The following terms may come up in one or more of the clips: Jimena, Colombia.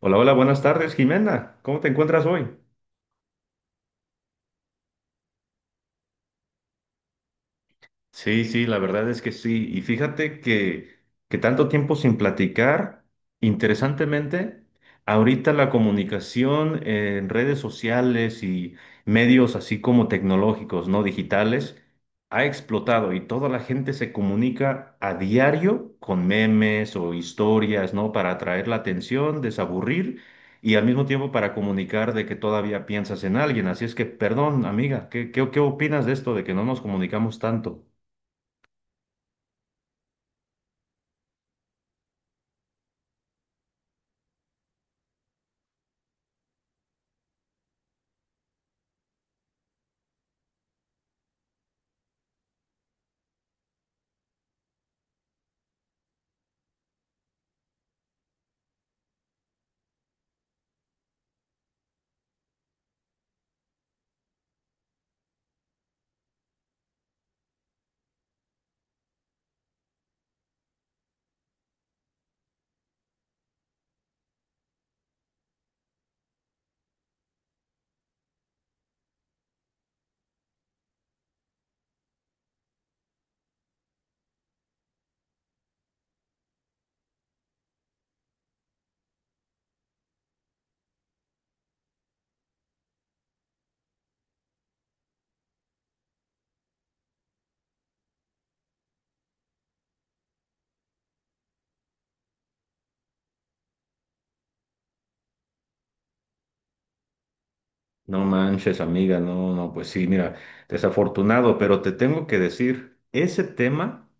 Hola, hola, buenas tardes, Jimena. ¿Cómo te encuentras hoy? Sí, sí, la verdad es que sí. Y fíjate que tanto tiempo sin platicar, interesantemente, ahorita la comunicación en redes sociales y medios así como tecnológicos, no digitales, ha explotado y toda la gente se comunica a diario con memes o historias, ¿no? Para atraer la atención, desaburrir y al mismo tiempo para comunicar de que todavía piensas en alguien. Así es que, perdón, amiga, ¿qué opinas de esto de que no nos comunicamos tanto? No manches, amiga, no, no, pues sí, mira, desafortunado, pero te tengo que decir, ese tema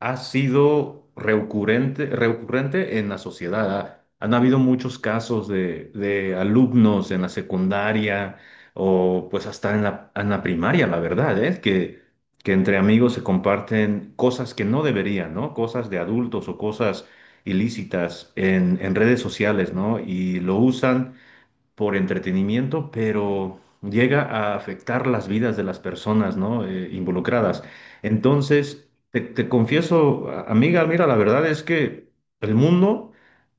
ha sido recurrente, recurrente en la sociedad. Han habido muchos casos de alumnos en la secundaria o pues hasta en la primaria, la verdad, es que entre amigos se comparten cosas que no deberían, ¿no? Cosas de adultos o cosas ilícitas en redes sociales, ¿no? Y lo usan por entretenimiento, pero llega a afectar las vidas de las personas, ¿no? Involucradas. Entonces, te confieso, amiga, mira, la verdad es que el mundo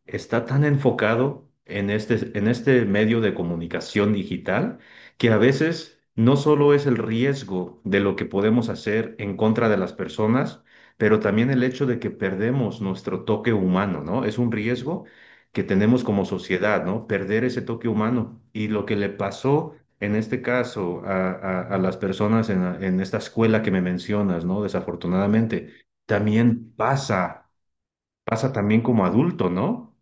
está tan enfocado en este medio de comunicación digital que a veces no solo es el riesgo de lo que podemos hacer en contra de las personas, pero también el hecho de que perdemos nuestro toque humano, ¿no? Es un riesgo que tenemos como sociedad, ¿no? Perder ese toque humano. Y lo que le pasó en este caso a, a las personas en, en esta escuela que me mencionas, ¿no? Desafortunadamente, también pasa, pasa también como adulto, ¿no?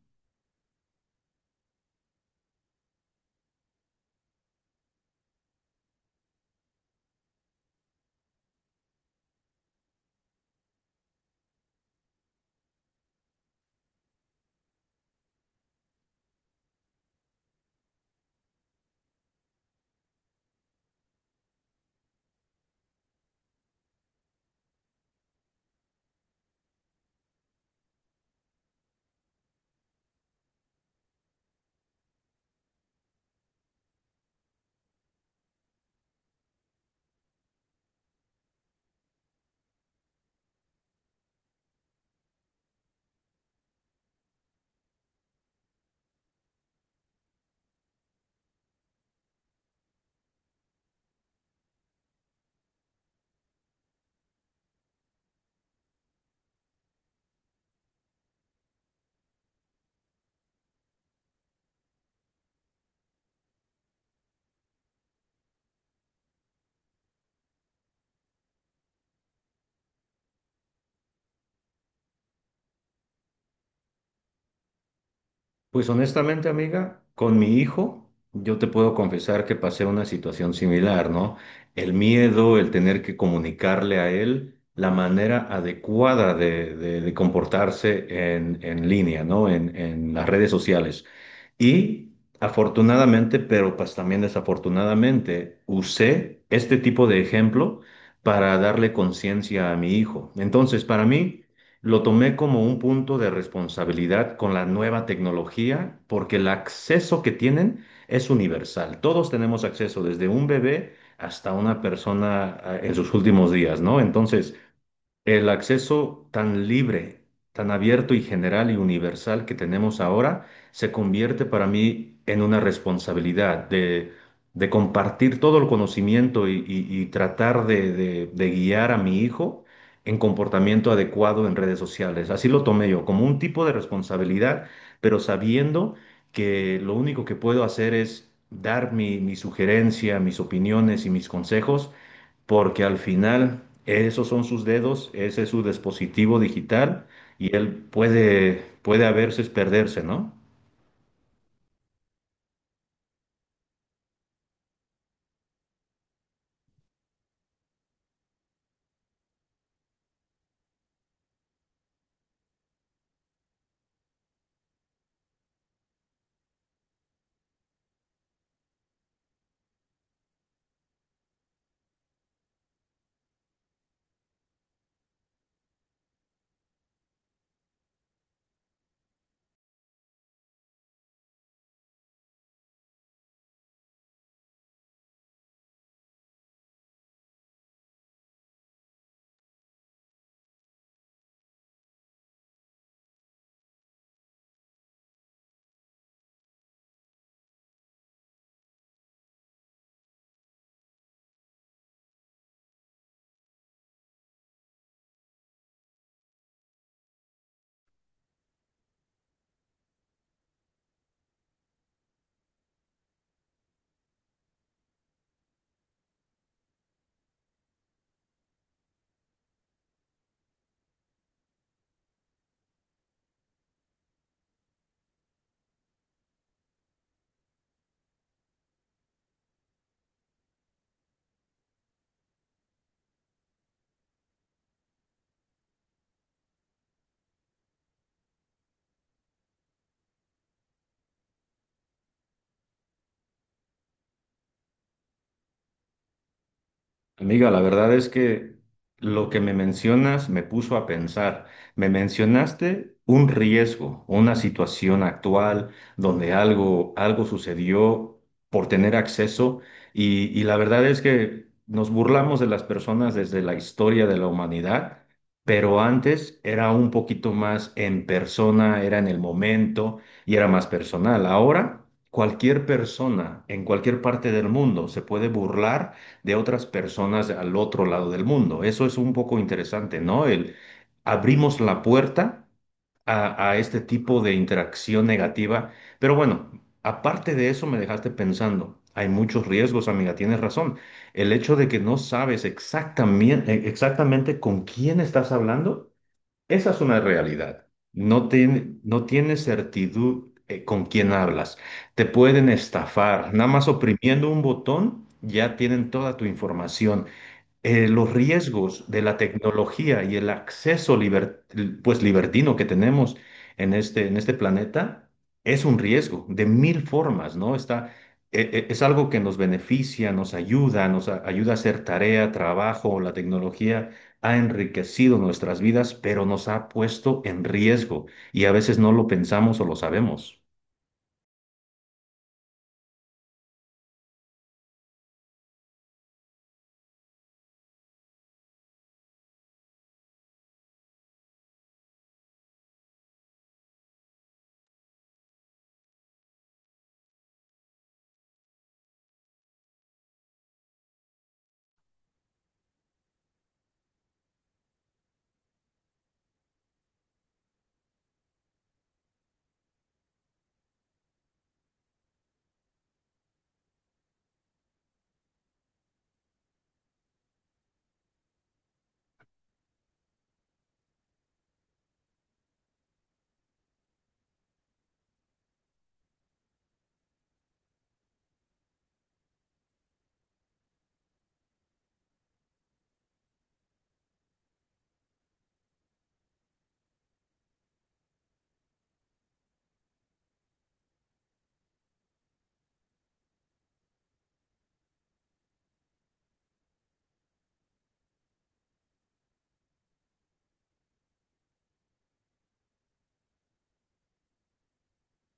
Pues honestamente, amiga, con mi hijo, yo te puedo confesar que pasé una situación similar, ¿no? El miedo, el tener que comunicarle a él. La manera adecuada de, de comportarse en línea, ¿no? En las redes sociales. Y afortunadamente, pero pues también desafortunadamente, usé este tipo de ejemplo para darle conciencia a mi hijo. Entonces, para mí, lo tomé como un punto de responsabilidad con la nueva tecnología, porque el acceso que tienen es universal. Todos tenemos acceso, desde un bebé hasta una persona ah, en sus últimos días, ¿no? Entonces, el acceso tan libre, tan abierto y general y universal que tenemos ahora se convierte para mí en una responsabilidad de compartir todo el conocimiento y, y tratar de, de guiar a mi hijo en comportamiento adecuado en redes sociales. Así lo tomé yo, como un tipo de responsabilidad, pero sabiendo que lo único que puedo hacer es dar mi sugerencia, mis opiniones y mis consejos porque al final esos son sus dedos, ese es su dispositivo digital y él puede, puede a veces perderse, ¿no? Amiga, la verdad es que lo que me mencionas me puso a pensar. Me mencionaste un riesgo, una situación actual donde algo, algo sucedió por tener acceso y la verdad es que nos burlamos de las personas desde la historia de la humanidad, pero antes era un poquito más en persona, era en el momento y era más personal. Ahora, cualquier persona en cualquier parte del mundo se puede burlar de otras personas al otro lado del mundo. Eso es un poco interesante, ¿no? El, abrimos la puerta a este tipo de interacción negativa. Pero bueno, aparte de eso me dejaste pensando. Hay muchos riesgos, amiga, tienes razón. El hecho de que no sabes exactamente, exactamente con quién estás hablando esa es una realidad. No, no tienes certidumbre con quién hablas. Te pueden estafar. Nada más oprimiendo un botón, ya tienen toda tu información los riesgos de la tecnología y el acceso pues libertino que tenemos en este planeta es un riesgo de mil formas, ¿no? Está, es algo que nos beneficia, nos ayuda, ayuda a hacer tarea, trabajo, la tecnología ha enriquecido nuestras vidas, pero nos ha puesto en riesgo y a veces no lo pensamos o lo sabemos.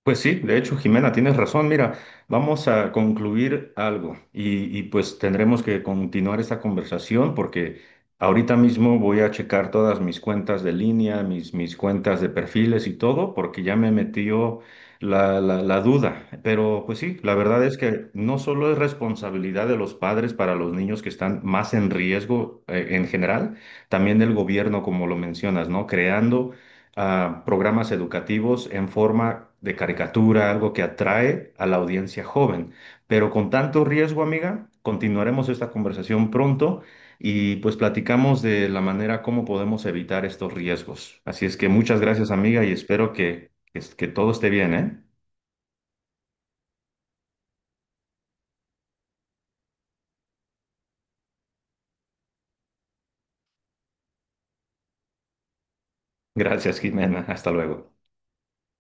Pues sí, de hecho, Jimena, tienes razón. Mira, vamos a concluir algo y, pues tendremos que continuar esta conversación porque ahorita mismo voy a checar todas mis cuentas de línea, mis cuentas de perfiles y todo, porque ya me metió la duda. Pero pues sí, la verdad es que no solo es responsabilidad de los padres para los niños que están más en riesgo en general, también del gobierno, como lo mencionas, ¿no? Creando a programas educativos en forma de caricatura, algo que atrae a la audiencia joven. Pero con tanto riesgo, amiga, continuaremos esta conversación pronto y pues platicamos de la manera como podemos evitar estos riesgos. Así es que muchas gracias, amiga, y espero que todo esté bien, ¿eh? Gracias, Jimena. Hasta luego.